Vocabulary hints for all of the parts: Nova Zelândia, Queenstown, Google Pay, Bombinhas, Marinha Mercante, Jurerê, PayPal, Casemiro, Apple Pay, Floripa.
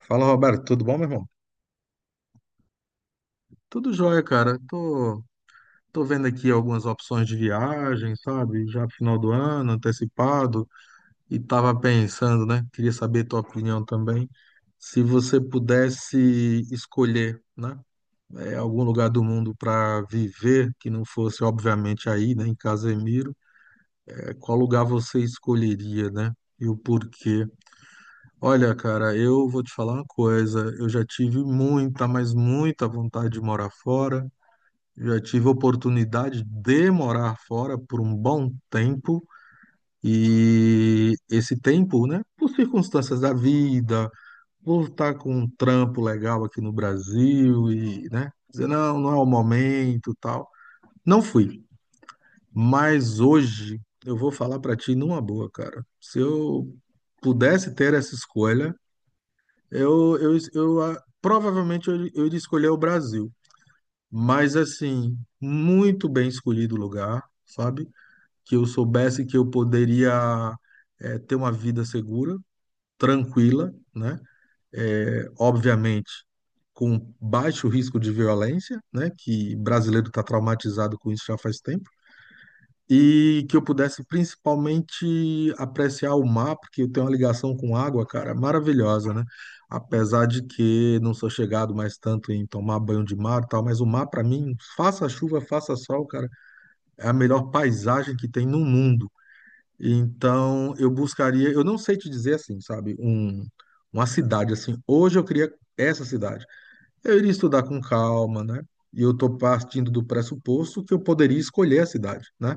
Fala, Roberto, tudo bom, meu irmão? Tudo jóia, cara. Tô vendo aqui algumas opções de viagem, sabe? Já pro final do ano, antecipado, e tava pensando, né? Queria saber tua opinião também. Se você pudesse escolher, né? Algum lugar do mundo para viver, que não fosse, obviamente, aí, né? Em Casemiro, qual lugar você escolheria, né? E o porquê? Olha, cara, eu vou te falar uma coisa. Eu já tive muita, mas muita vontade de morar fora. Já tive oportunidade de morar fora por um bom tempo. E esse tempo, né, por circunstâncias da vida, por estar com um trampo legal aqui no Brasil e, né, dizer, não, não é o momento, tal. Não fui. Mas hoje eu vou falar pra ti numa boa, cara. Se eu pudesse ter essa escolha, provavelmente eu iria escolher o Brasil, mas assim, muito bem escolhido o lugar, sabe? Que eu soubesse que eu poderia ter uma vida segura, tranquila, né? Obviamente, com baixo risco de violência, né? Que brasileiro está traumatizado com isso já faz tempo e que eu pudesse principalmente apreciar o mar, porque eu tenho uma ligação com água, cara, maravilhosa, né? Apesar de que não sou chegado mais tanto em tomar banho de mar e tal, mas o mar, para mim, faça chuva, faça sol, cara, é a melhor paisagem que tem no mundo. Então, eu buscaria, eu não sei te dizer assim, sabe, um, uma cidade assim. Hoje eu queria essa cidade. Eu iria estudar com calma, né? E eu estou partindo do pressuposto que eu poderia escolher a cidade, né?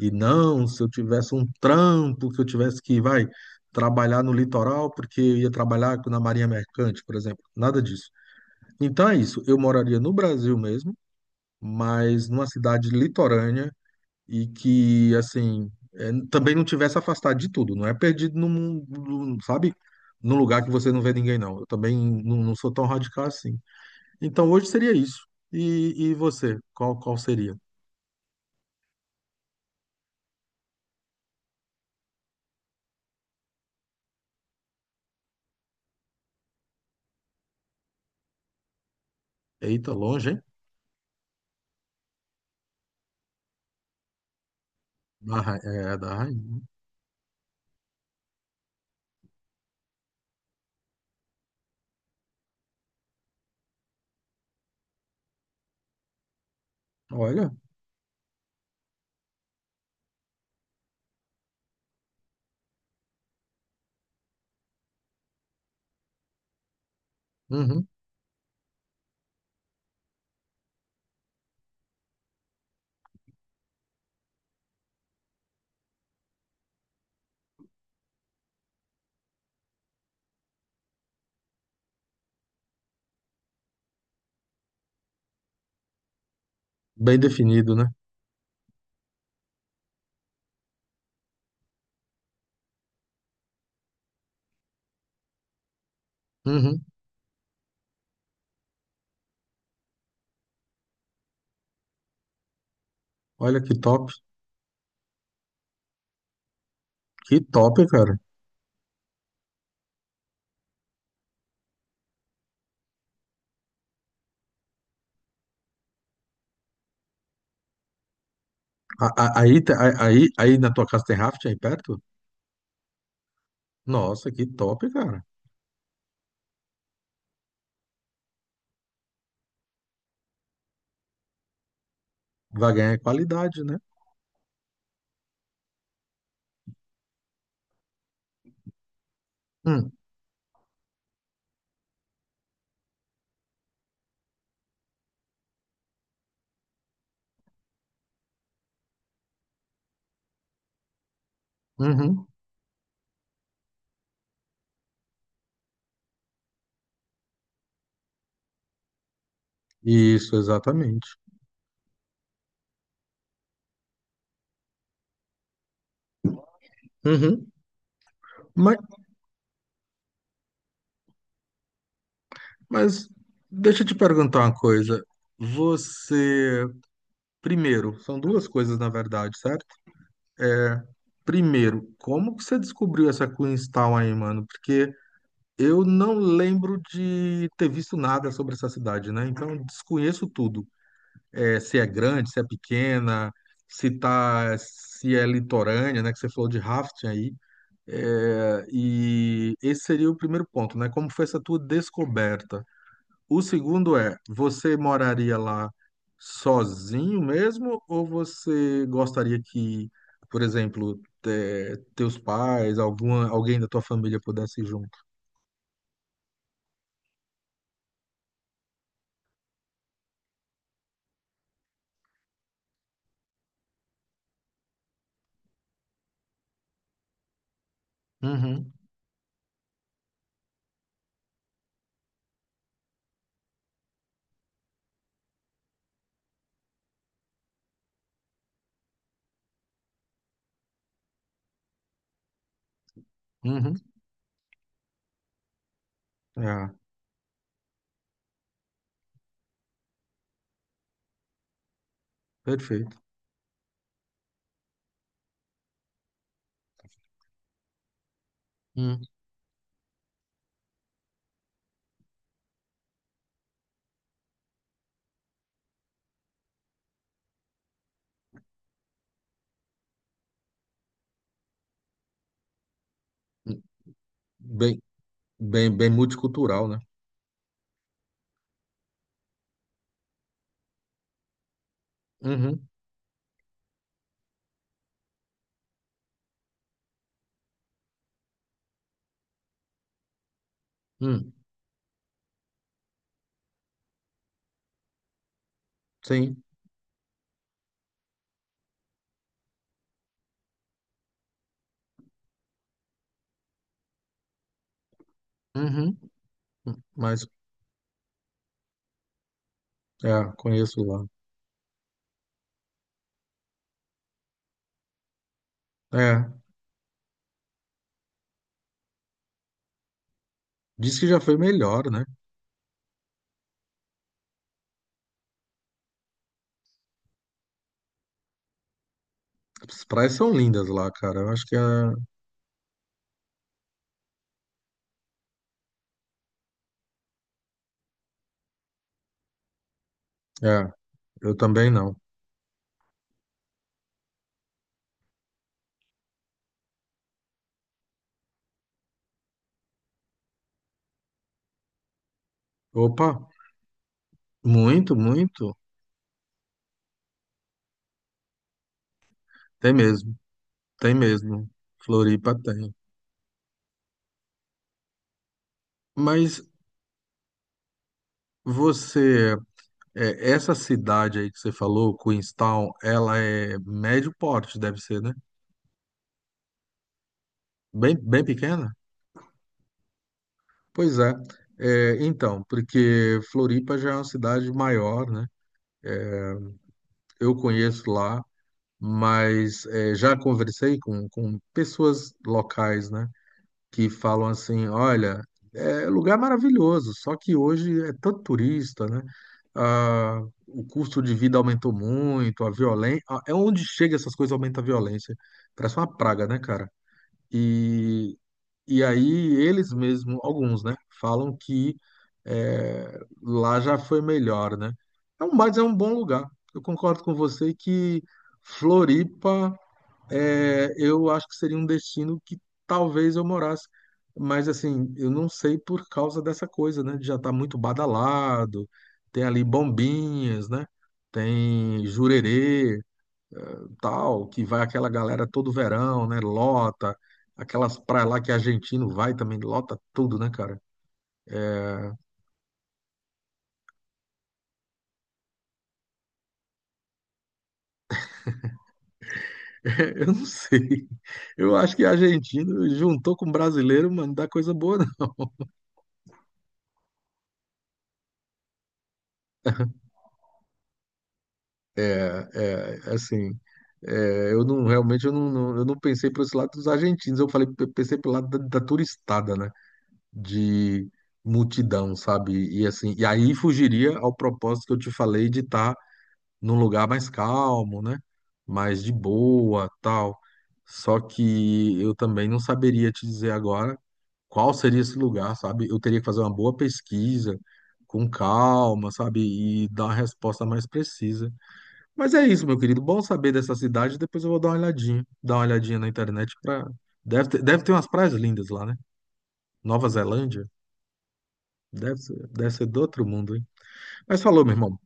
E não, se eu tivesse um trampo, que eu tivesse que, vai, trabalhar no litoral, porque eu ia trabalhar na Marinha Mercante, por exemplo. Nada disso. Então é isso. Eu moraria no Brasil mesmo, mas numa cidade litorânea e que, assim, é, também não tivesse afastado de tudo. Não é perdido num, sabe? Num lugar que você não vê ninguém, não. Eu também não sou tão radical assim. Então hoje seria isso. E você? Qual seria? Eita, longe, hein? Da, é, da rainha. Né? Olha. Uhum. Bem definido, né? Uhum. Olha que top. Que top, cara. Aí, aí, aí, na tua casa tem rafting aí perto? Nossa, que top, cara. Vai ganhar qualidade, né? Hum. Uhum. Isso, exatamente. Uhum. Mas, mas deixa eu te perguntar uma coisa. Você, primeiro, são duas coisas na verdade, certo? Primeiro, como que você descobriu essa Queenstown aí, mano? Eu não lembro de ter visto nada sobre essa cidade, né? Então eu desconheço tudo. É, se é grande, se é pequena, se tá, se é litorânea, né? Que você falou de rafting aí. É, e esse seria o primeiro ponto, né? Como foi essa tua descoberta? O segundo é, você moraria lá sozinho mesmo ou você gostaria que, por exemplo, teus pais, alguma, alguém da tua família pudesse ir junto? Uhum, uhum. Ah, perfeito. Hum, hum. Bem, bem multicultural, né? Uhum, hum, sim. Uhum. Mas, é, conheço lá. É, diz que já foi melhor, né? As praias são lindas lá, cara. Eu acho que é, é, eu também não. Opa, muito, muito. Tem mesmo, tem mesmo. Floripa tem. Mas você, é, essa cidade aí que você falou, Queenstown, ela é médio porte, deve ser, né? Bem pequena? Pois é. É, então, porque Floripa já é uma cidade maior, né? Eu conheço lá, mas é, já conversei com pessoas locais, né? Que falam assim, olha, é lugar maravilhoso, só que hoje é tanto turista, né? Ah, o custo de vida aumentou muito, a violência... É onde chega essas coisas, aumenta a violência. Parece uma praga, né, cara? E e aí eles mesmos, alguns, né, falam que é, lá já foi melhor, né? Mas é um bom lugar. Eu concordo com você que Floripa, é, eu acho que seria um destino que talvez eu morasse. Mas assim, eu não sei por causa dessa coisa, né? De já tá muito badalado, tem ali Bombinhas, né? Tem Jurerê, tal, que vai aquela galera todo verão, né? Lota, aquelas praias lá que argentino vai também, lota tudo, né, cara? Eu não sei. Eu acho que argentino juntou com brasileiro, mano, não dá coisa boa, não. Assim, é, eu não realmente eu eu não pensei por esse lado dos argentinos, eu falei, eu pensei pelo lado da turistada, né? De multidão, sabe? E assim, e aí fugiria ao propósito que eu te falei de estar num lugar mais calmo, né? Mais de boa, tal. Só que eu também não saberia te dizer agora qual seria esse lugar, sabe? Eu teria que fazer uma boa pesquisa, com calma, sabe? E dar uma resposta mais precisa. Mas é isso, meu querido. Bom saber dessa cidade. Depois eu vou dar uma olhadinha na internet para deve ter umas praias lindas lá, né? Nova Zelândia. Deve ser do outro mundo, hein? Mas falou, meu irmão.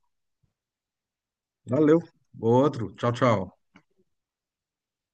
Valeu. Outro. Tchau, tchau.